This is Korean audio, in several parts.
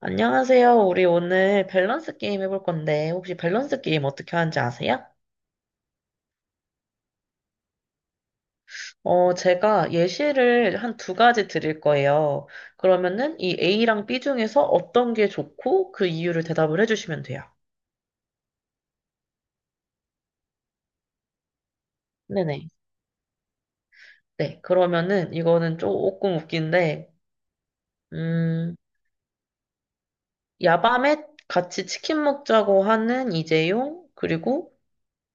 안녕하세요. 우리 오늘 밸런스 게임 해볼 건데, 혹시 밸런스 게임 어떻게 하는지 아세요? 제가 예시를 한 두 가지 드릴 거예요. 그러면은 이 A랑 B 중에서 어떤 게 좋고 그 이유를 대답을 해주시면 돼요. 네네. 네. 그러면은 이거는 조금 웃긴데, 음, 야밤에 같이 치킨 먹자고 하는 이재용, 그리고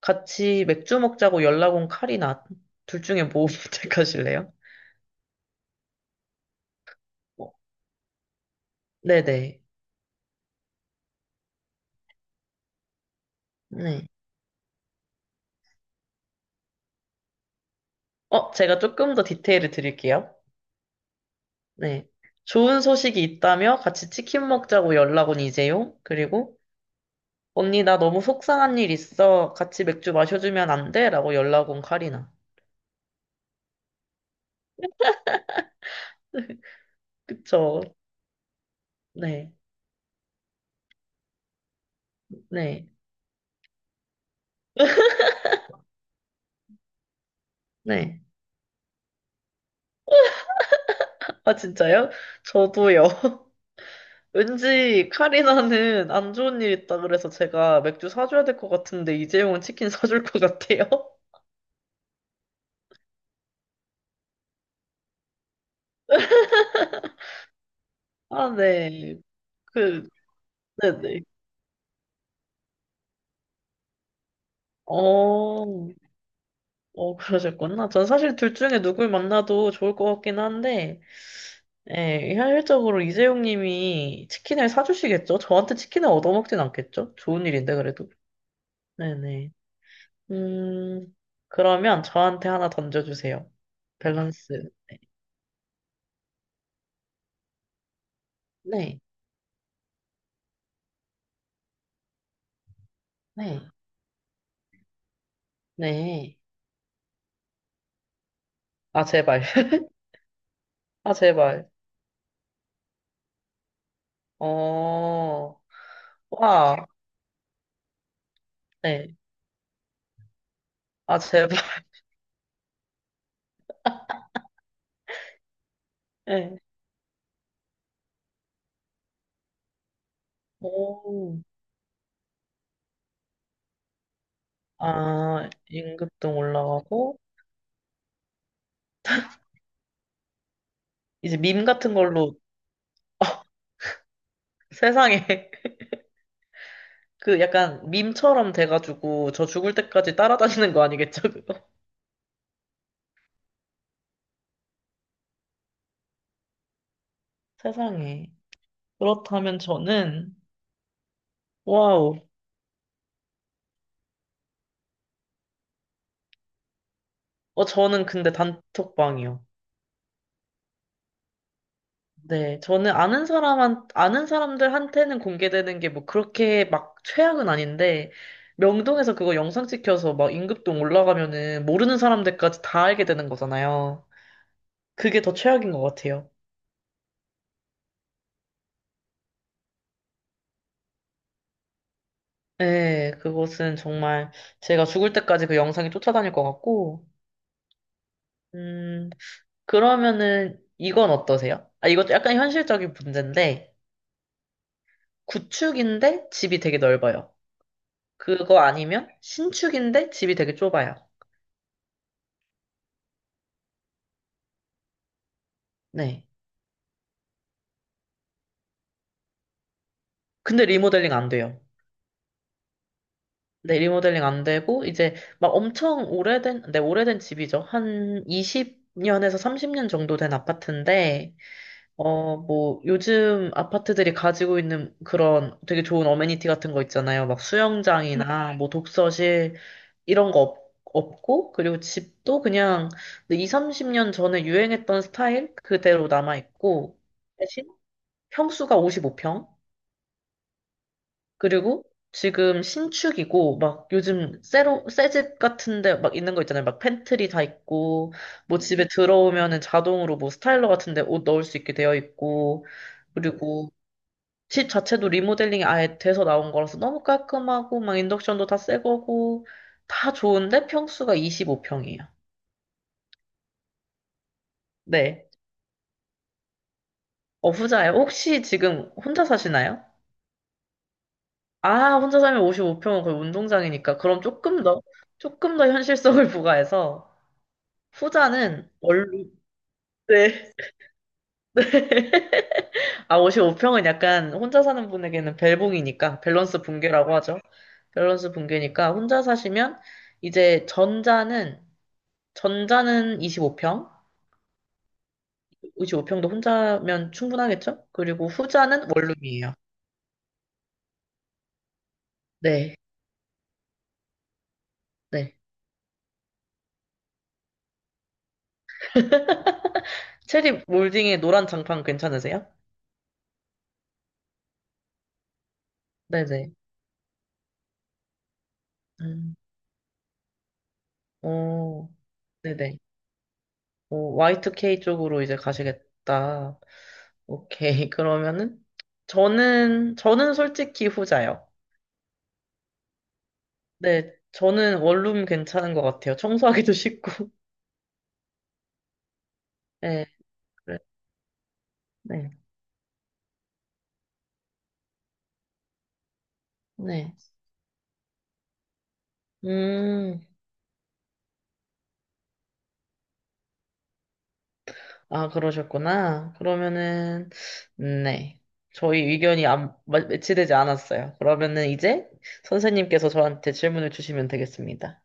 같이 맥주 먹자고 연락 온 카리나, 둘 중에 뭐 선택하실래요? 어, 네네. 네. 제가 조금 더 디테일을 드릴게요. 네. 좋은 소식이 있다며 같이 치킨 먹자고 연락 온 이재용. 그리고 언니 나 너무 속상한 일 있어. 같이 맥주 마셔주면 안 돼? 라고 연락 온 카리나. 그쵸. 네. 네. 네. 아, 진짜요? 저도요. 왠지 카리나는 안 좋은 일 있다 그래서 제가 맥주 사줘야 될 것 같은데 이재용은 치킨 사줄 것 같아요. 아, 네. 그, 네네. 어, 그러셨구나. 전 사실 둘 중에 누굴 만나도 좋을 것 같긴 한데, 예, 현실적으로 이재용 님이 치킨을 사주시겠죠? 저한테 치킨을 얻어먹진 않겠죠? 좋은 일인데, 그래도. 네네. 음, 그러면 저한테 하나 던져주세요. 밸런스. 네, 네, 네. 아, 제발. 아, 제발. 어, 와, 네. 아, 제발. 네. 오, 아, 임금동 올라가고, 이제 밈 같은 걸로. 세상에 약간 밈처럼 돼가지고 저 죽을 때까지 따라다니는 거 아니겠죠, 그거? 세상에. 그렇다면 저는 와우. 저는 근데 단톡방이요. 네, 저는 아는 사람들한테는 공개되는 게 뭐 그렇게 막 최악은 아닌데 명동에서 그거 영상 찍혀서 막 임금동 올라가면은 모르는 사람들까지 다 알게 되는 거잖아요. 그게 더 최악인 것 같아요. 네, 그것은 정말 제가 죽을 때까지 그 영상이 쫓아다닐 것 같고. 음, 그러면은 이건 어떠세요? 아, 이것도 약간 현실적인 문제인데, 구축인데 집이 되게 넓어요. 그거 아니면 신축인데 집이 되게 좁아요. 네. 근데 리모델링 안 돼요. 네, 리모델링 안 되고, 이제 막 엄청 오래된, 네, 오래된 집이죠. 한 20년에서 30년 정도 된 아파트인데, 뭐, 요즘 아파트들이 가지고 있는 그런 되게 좋은 어메니티 같은 거 있잖아요. 막 수영장이나 뭐 독서실 이런 거 없고, 그리고 집도 그냥 20, 30년 전에 유행했던 스타일 그대로 남아있고, 대신 평수가 55평, 그리고 지금 신축이고, 막 요즘 새집 같은데 막 있는 거 있잖아요. 막 팬트리 다 있고, 뭐 집에 들어오면은 자동으로 뭐 스타일러 같은데 옷 넣을 수 있게 되어 있고, 그리고 집 자체도 리모델링이 아예 돼서 나온 거라서 너무 깔끔하고 막 인덕션도 다 새 거고 다 좋은데 평수가 25평이에요. 네. 후자예요. 혹시 지금 혼자 사시나요? 아, 혼자 살면 55평은 거의 운동장이니까 그럼 조금 더 현실성을 부과해서 후자는 원룸. 네. 아, 55평은 약간 혼자 사는 분에게는 벨붕이니까 밸런스 붕괴라고 하죠. 밸런스 붕괴니까 혼자 사시면 이제 전자는 25평. 55평도 혼자면 충분하겠죠? 그리고 후자는 원룸이에요. 네, 네. 체리 몰딩의 노란 장판 괜찮으세요? 네네. 음, 오, 네네. 오, Y2K 쪽으로 이제 가시겠다. 오케이. 그러면은, 저는 솔직히 후자요. 네, 저는 원룸 괜찮은 것 같아요. 청소하기도 쉽고. 네, 그래, 네, 네. 음, 아, 그러셨구나. 그러면은, 네. 저희 의견이 안, 마- 매치되지 않았어요. 그러면은 이제 선생님께서 저한테 질문을 주시면 되겠습니다.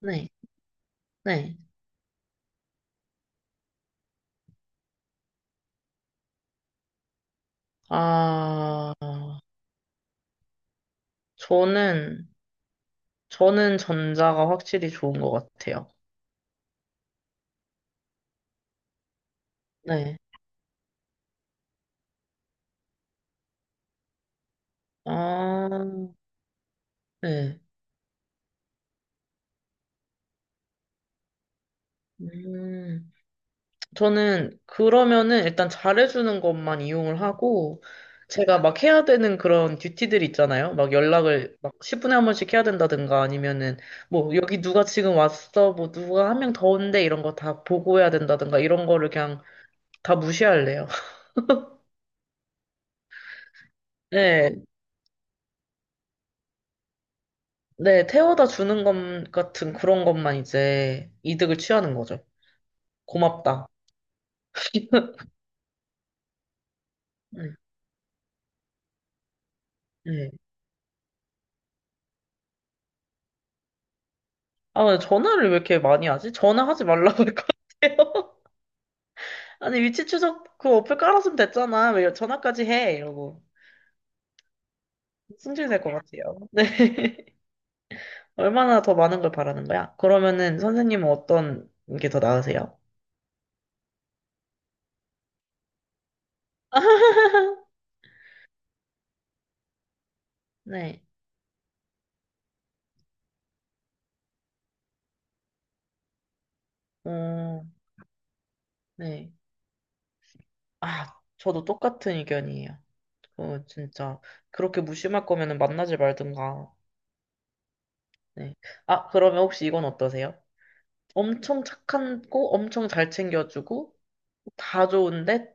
네, 네. 아, 저는, 저는 전자가 확실히 좋은 것 같아요. 네. 아, 네. 음. 저는 그러면은 일단 잘해주는 것만 이용을 하고, 제가 막 해야 되는 그런 듀티들 있잖아요. 막 연락을 막 10분에 한 번씩 해야 된다든가 아니면은 뭐 여기 누가 지금 왔어, 뭐 누가 한 명 더 온대 이런 거 다 보고해야 된다든가 이런 거를 그냥 다 무시할래요. 네, 네, 태워다 주는 것 같은 그런 것만 이제 이득을 취하는 거죠. 고맙다. 네. 네. 아, 근데 전화를 왜 이렇게 많이 하지? 전화하지 말라고 할 것 같아요. 아니, 위치 추적 그 어플 깔았으면 됐잖아. 왜 전화까지 해? 이러고. 승질 낼 것 같아요. 네. 얼마나 더 많은 걸 바라는 거야? 그러면은 선생님은 어떤 게 더 나으세요? 네. 어, 네. 아, 저도 똑같은 의견이에요. 어, 진짜. 그렇게 무심할 거면은 만나지 말든가. 네. 아, 그러면 혹시 이건 어떠세요? 엄청 착한 고 엄청 잘 챙겨주고, 다 좋은데,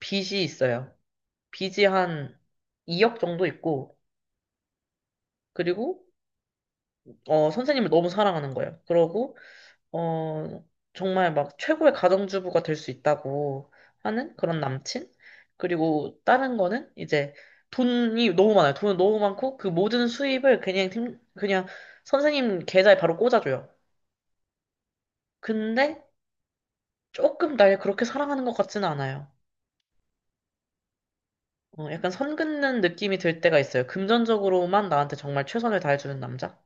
빚이 있어요. 빚이 한 2억 정도 있고, 그리고, 선생님을 너무 사랑하는 거예요. 그러고, 어, 정말 막 최고의 가정주부가 될 수 있다고 하는 그런 남친? 그리고 다른 거는 이제 돈이 너무 많아요. 돈은 너무 많고, 그 모든 수입을 그냥 선생님 계좌에 바로 꽂아줘요. 근데 조금 날 그렇게 사랑하는 것 같지는 않아요. 약간 선 긋는 느낌이 들 때가 있어요. 금전적으로만 나한테 정말 최선을 다해주는 남자?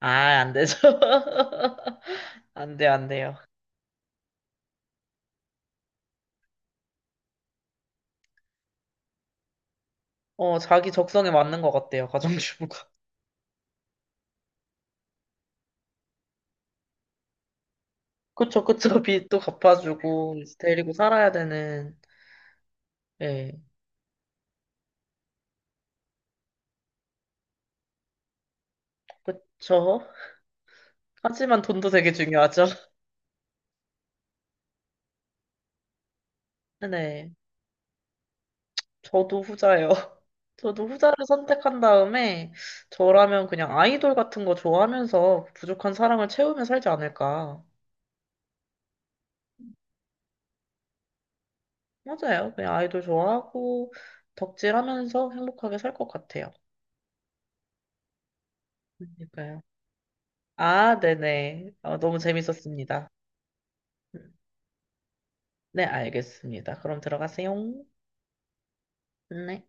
아, 안 되죠. 안 돼, 안 돼요. 자기 적성에 맞는 것 같아요, 가정주부가. 그쵸, 그쵸. 빚도 갚아주고, 이제 데리고 살아야 되는, 예, 그쵸. 하지만 돈도 되게 중요하죠. 네, 저도 후자예요. 저도 후자를 선택한 다음에, 저라면 그냥 아이돌 같은 거 좋아하면서 부족한 사랑을 채우며 살지 않을까. 맞아요. 그냥 아이돌 좋아하고, 덕질하면서 행복하게 살 것 같아요. 그러니까요. 아, 네네. 어, 너무 재밌었습니다. 네, 알겠습니다. 그럼 들어가세요. 네.